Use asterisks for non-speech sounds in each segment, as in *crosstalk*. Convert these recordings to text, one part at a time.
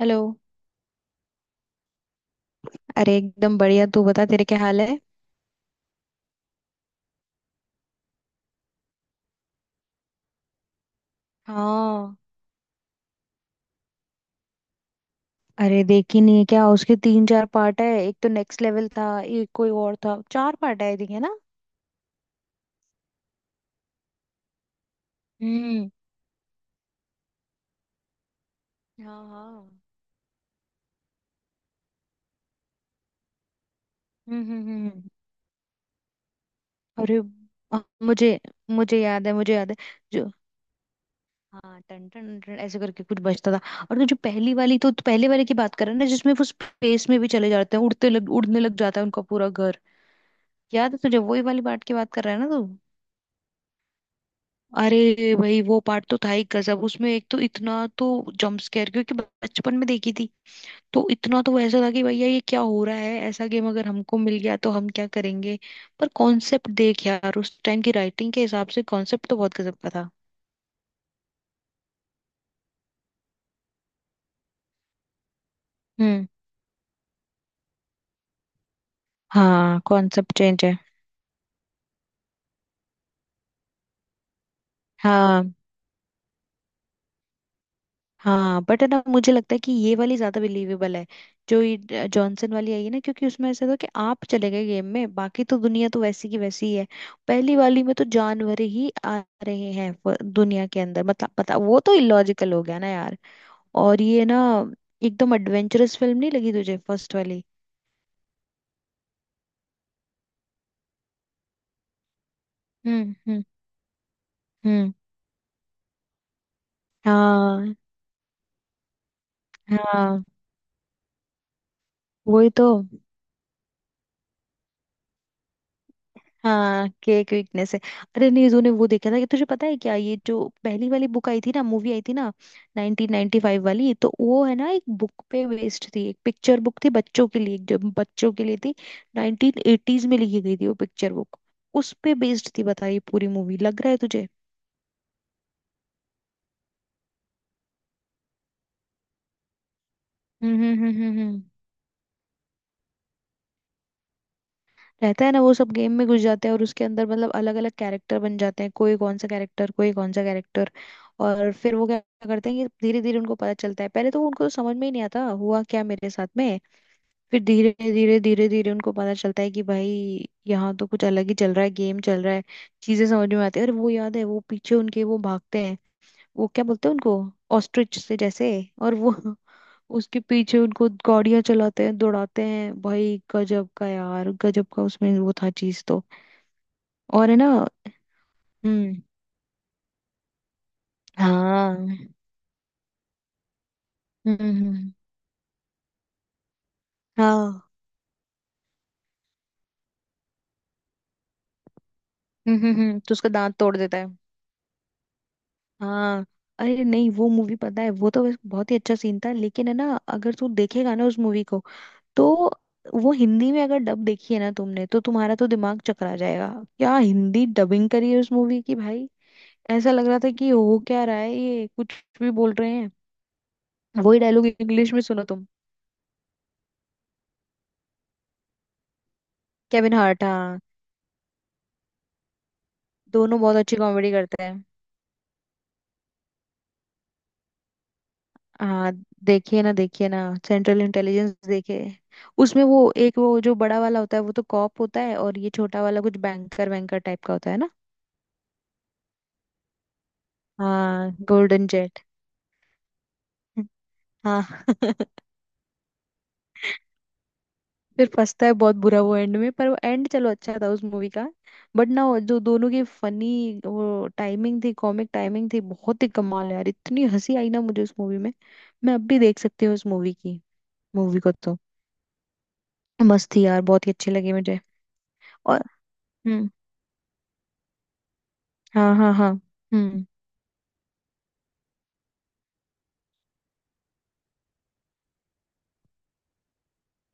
Hello. अरे एकदम बढ़िया, तू बता तेरे क्या हाल है? हाँ। अरे देखी नहीं है क्या? उसके तीन चार पार्ट है, एक तो नेक्स्ट लेवल था, एक कोई और था, चार पार्ट है आई है ना। हम्म। हाँ हाँ। हम्म हम्म हम्म हम्म। अरे अ, मुझे मुझे याद है, मुझे याद है। जो, हाँ टन टन टन ऐसे करके कुछ बजता था। और तो जो पहली वाली तो पहले वाले की बात कर रहे हैं ना, जिसमें वो स्पेस में भी चले जाते हैं, उड़ते लग उड़ने लग जाता है उनका पूरा घर। याद है तुझे? वही वाली पार्ट की बात कर रहा है ना तू। अरे भाई वो पार्ट तो था ही गजब। उसमें एक तो इतना तो जंप स्केयर, क्योंकि बचपन में देखी थी, तो इतना तो ऐसा था कि भैया ये क्या हो रहा है। ऐसा गेम अगर हमको मिल गया तो हम क्या करेंगे। पर कॉन्सेप्ट देख यार, उस टाइम की राइटिंग के हिसाब से कॉन्सेप्ट तो बहुत गजब का था। हम्म। हाँ कॉन्सेप्ट चेंज है। हाँ हाँ, बट ना मुझे लगता है कि ये वाली ज्यादा बिलीवेबल है। जो ये जॉनसन वाली आई है ना, क्योंकि उसमें ऐसा था कि आप चले गए गेम में, बाकी तो दुनिया तो वैसी की वैसी ही है। पहली वाली में तो जानवर ही आ रहे हैं दुनिया के अंदर, मतलब पता, वो तो इलॉजिकल हो गया ना यार। और ये ना एकदम एडवेंचरस फिल्म नहीं लगी तुझे फर्स्ट वाली? हम्म हम्म हम्म। हाँ। हाँ वही तो। हाँ केक वीकनेस है। अरे नीजू ने वो देखा था, कि तुझे पता है क्या ये जो पहली वाली बुक आई थी ना, मूवी आई थी ना 1995 वाली, तो वो है ना एक बुक पे बेस्ड थी, एक पिक्चर बुक थी बच्चों के लिए, जो बच्चों के लिए थी। 1980s में लिखी गई थी वो पिक्चर बुक। उस पे बेस्ड थी, बता ये पूरी मूवी। लग रहा है तुझे? हम्म हम्म हम्म हम्म हम्म। रहता है ना, वो सब गेम में घुस जाते हैं और उसके अंदर मतलब अलग अलग कैरेक्टर बन जाते हैं, कोई कौन सा कैरेक्टर, कोई कौन सा कैरेक्टर। और फिर वो क्या करते हैं, कि धीरे धीरे उनको पता चलता है, पहले तो उनको तो समझ में ही नहीं आता हुआ क्या मेरे साथ में। फिर धीरे धीरे धीरे धीरे उनको पता चलता है कि भाई यहाँ तो कुछ अलग ही चल रहा है, गेम चल रहा है। चीजें समझ में आती है। अरे वो याद है, वो पीछे उनके वो भागते हैं, वो क्या बोलते हैं उनको? ऑस्ट्रिच से जैसे, और वो *laughs* उसके पीछे उनको गाड़ियां चलाते हैं दौड़ाते हैं। भाई गजब का यार, गजब का उसमें वो था चीज तो। और है ना। हम्म। हाँ। हम्म, हम्म, हाँ। तो उसका दांत तोड़ देता है। हाँ। अरे नहीं वो मूवी पता है, वो तो बस बहुत ही अच्छा सीन था। लेकिन है ना, अगर तू देखेगा ना उस मूवी को, तो वो हिंदी में अगर डब देखी है ना तुमने, तो तुम्हारा तो दिमाग चकरा जाएगा। क्या हिंदी डबिंग करी है उस मूवी की भाई! ऐसा लग रहा था कि हो क्या रहा है, ये कुछ भी बोल रहे हैं। वही डायलॉग इंग्लिश में सुनो तुम। केविन हार्ट हाँ, दोनों बहुत अच्छी कॉमेडी करते हैं। हाँ। देखिए ना देखिए ना, सेंट्रल इंटेलिजेंस देखिए। उसमें वो एक वो जो बड़ा वाला होता है वो तो कॉप होता है, और ये छोटा वाला कुछ बैंकर वैंकर टाइप का होता है ना। हाँ गोल्डन जेट। हाँ *laughs* फिर फंसता है बहुत बुरा वो एंड में, पर वो एंड चलो अच्छा था उस मूवी का। बट ना वो जो दोनों की फनी, वो टाइमिंग थी, कॉमिक टाइमिंग थी, बहुत ही कमाल है यार। इतनी हंसी आई ना मुझे उस मूवी में। मैं अब भी देख सकती हूँ उस मूवी की, मूवी को तो। मस्त थी यार, बहुत ही अच्छी लगी मुझे। और हम्म। हाँ हाँ हाँ। हम्म।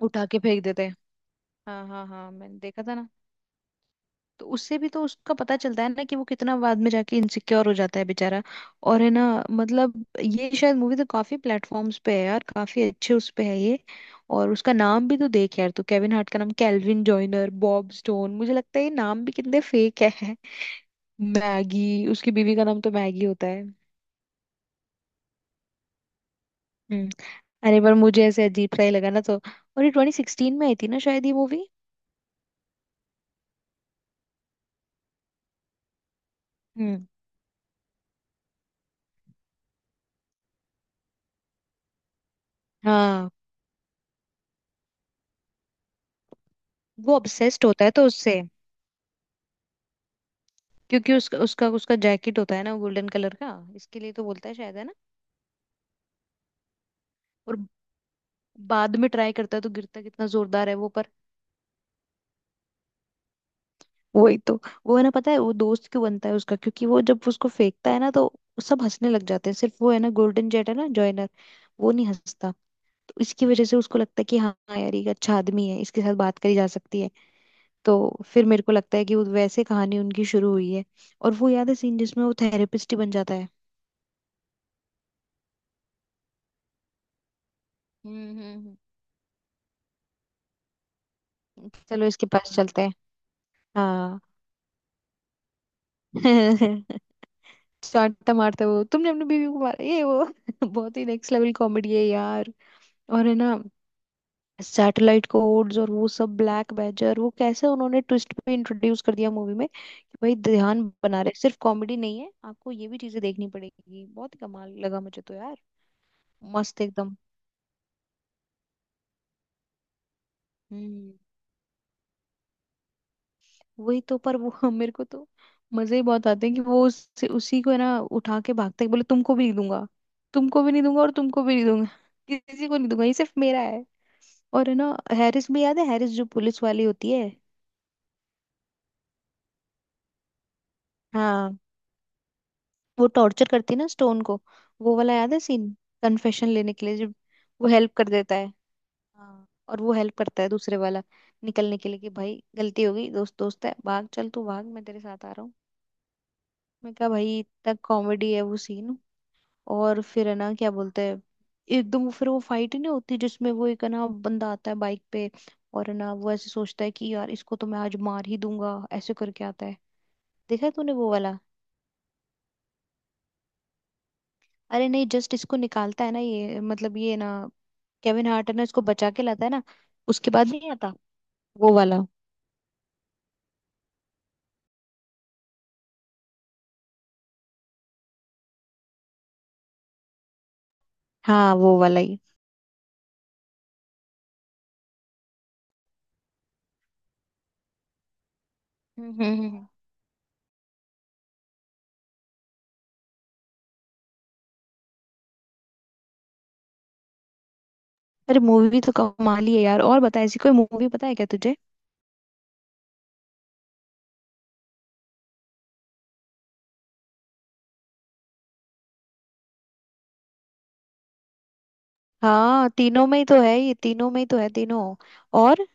उठा के फेंक देते हैं। हाँ हाँ हाँ मैंने देखा था ना। तो उससे भी तो उसका पता चलता है ना कि वो कितना बाद में जाके इनसिक्योर हो जाता है बेचारा। और है ना, मतलब ये शायद मूवी तो काफी प्लेटफॉर्म्स पे है यार, काफी अच्छे उस पे है ये। और उसका नाम भी तो देख यार तू, केविन हार्ट का नाम कैल्विन जॉइनर, बॉब स्टोन, मुझे लगता है ये नाम भी कितने फेक है। मैगी *laughs* उसकी बीवी का नाम तो मैगी होता है। हम्म। अरे पर मुझे ऐसे अजीब सा ही लगा ना, तो। और ये 2016 में आई थी ना शायद ये मूवी। हम्म। हाँ। वो ऑब्सेस्ड होता है तो उससे। क्योंकि उसका उसका उसका जैकेट होता है ना गोल्डन कलर का, इसके लिए तो बोलता है शायद है ना। और बाद में ट्राई करता है तो गिरता कितना जोरदार है वो, पर। वही तो। वो है ना, पता है वो दोस्त क्यों बनता है उसका? क्योंकि वो जब उसको फेंकता है ना, तो सब हंसने लग जाते हैं, सिर्फ वो है ना गोल्डन जेट है ना जॉइनर, वो नहीं हंसता। तो इसकी वजह से उसको लगता है कि हाँ यार ये एक अच्छा आदमी है, इसके साथ बात करी जा सकती है, तो। फिर मेरे को लगता है कि वो वैसे कहानी उनकी शुरू हुई है। और वो याद है सीन जिसमें वो थेरेपिस्ट ही बन जाता है। हम्म हम्म चलो इसके पास चलते हैं। हाँ *laughs* चांटा मारता है वो, तुमने अपनी बीवी को मारा ये वो *laughs* बहुत ही नेक्स्ट लेवल कॉमेडी है यार। और है ना, सैटेलाइट कोड्स और वो सब ब्लैक बैजर, वो कैसे उन्होंने ट्विस्ट पे इंट्रोड्यूस कर दिया मूवी में कि भाई ध्यान बना रहे, सिर्फ कॉमेडी नहीं है, आपको ये भी चीजें देखनी पड़ेगी। बहुत ही कमाल लगा मुझे तो यार, मस्त एकदम। वही तो। पर वो *laughs* हम, मेरे को तो मजे ही बहुत आते हैं, कि वो उसी को है ना उठा के भागते हैं, बोले तुमको भी नहीं दूंगा, तुमको भी नहीं दूंगा, और तुमको भी नहीं दूंगा *laughs* किसी को नहीं दूंगा, ये सिर्फ मेरा है। और है ना, हैरिस भी याद है, हैरिस जो पुलिस वाली होती है। हाँ। वो टॉर्चर करती है ना स्टोन को, वो वाला याद है सीन, कन्फेशन लेने के लिए जब। वो हेल्प कर देता है। हाँ, और वो हेल्प करता है दूसरे वाला निकलने के लिए कि भाई गलती हो गई, दोस्त दोस्त है, भाग चल तू, भाग मैं तेरे साथ आ रहा हूँ। मैं कहा भाई, इतना कॉमेडी है वो सीन। और फिर है ना क्या बोलते हैं, एकदम वो फिर वो फाइट ही नहीं होती, जिसमें वो एक है ना बंदा आता है बाइक पे, और है ना वो ऐसे सोचता है कि यार इसको तो मैं आज मार ही दूंगा ऐसे करके आता है। देखा है तूने वो वाला? अरे नहीं, जस्ट इसको निकालता है ना ये, मतलब ये ना केविन हार्ट है ना इसको बचा के लाता है ना, उसके बाद नहीं आता वो वाला। हाँ वो वाला ही। हम्म हम्म, हम्म। अरे मूवी तो कमाल ही है यार, और बता ऐसी कोई मूवी पता है क्या तुझे? हाँ तीनों में ही तो है ये, तीनों में ही तो है तीनों। और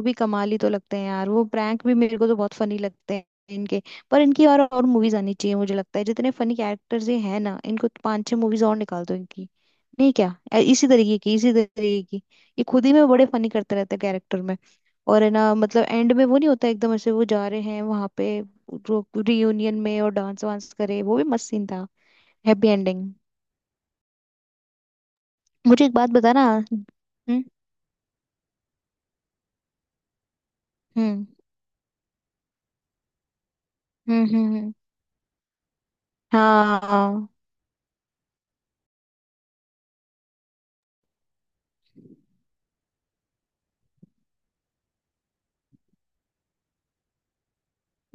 वो भी कमाल ही तो लगते हैं यार, वो प्रैंक भी मेरे को तो बहुत फनी लगते हैं इनके। पर इनकी और मूवीज आनी चाहिए, मुझे लगता है जितने फनी कैरेक्टर्स ये हैं ना इनको तो पांच छह मूवीज और निकाल दो इनकी। नहीं क्या? इसी तरीके की, इसी तरीके की। ये खुद ही में बड़े फनी करते रहते हैं कैरेक्टर में। और है ना मतलब एंड में वो नहीं होता, एकदम ऐसे वो जा रहे हैं वहां पे रियूनियन में और डांस वांस करे, वो भी मस्त सीन था। Happy ending. मुझे एक बात बताना। हम्म हम्म हम्म हम्म। हाँ।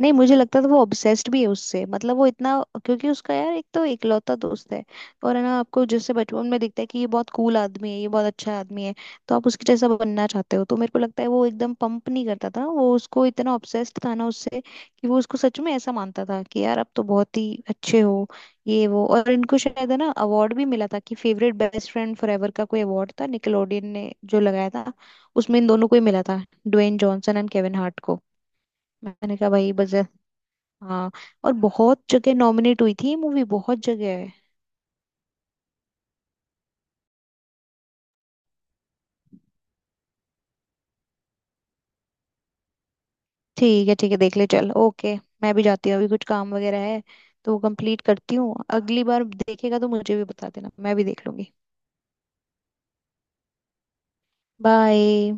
नहीं मुझे लगता था वो ऑब्सेस्ड भी है उससे, मतलब वो इतना। क्योंकि उसका यार एक तो इकलौता दोस्त है, और है ना आपको जैसे बचपन में दिखता है कि ये बहुत कूल आदमी है, ये बहुत अच्छा आदमी है, तो आप उसके जैसा बनना चाहते हो। तो मेरे को लगता है वो एकदम पंप नहीं करता था, वो उसको इतना ऑब्सेस्ड था ना उससे, कि वो उसको सच में ऐसा मानता था कि यार आप तो बहुत ही अच्छे हो, ये वो। और इनको शायद है ना अवार्ड भी मिला था कि फेवरेट बेस्ट फ्रेंड फॉरएवर का कोई अवार्ड था, निकलोडियन ने जो लगाया था, उसमें इन दोनों को ही मिला था, Dwayne Johnson and Kevin Hart को। मैंने कहा भाई बस। हाँ। और बहुत जगह नॉमिनेट हुई थी ये मूवी, बहुत जगह है। ठीक है ठीक है, देख ले, चल ओके। मैं भी जाती हूँ, अभी कुछ काम वगैरह है, तो वो कंप्लीट करती हूँ। अगली बार देखेगा तो मुझे भी बता देना, मैं भी देख लूंगी। बाय।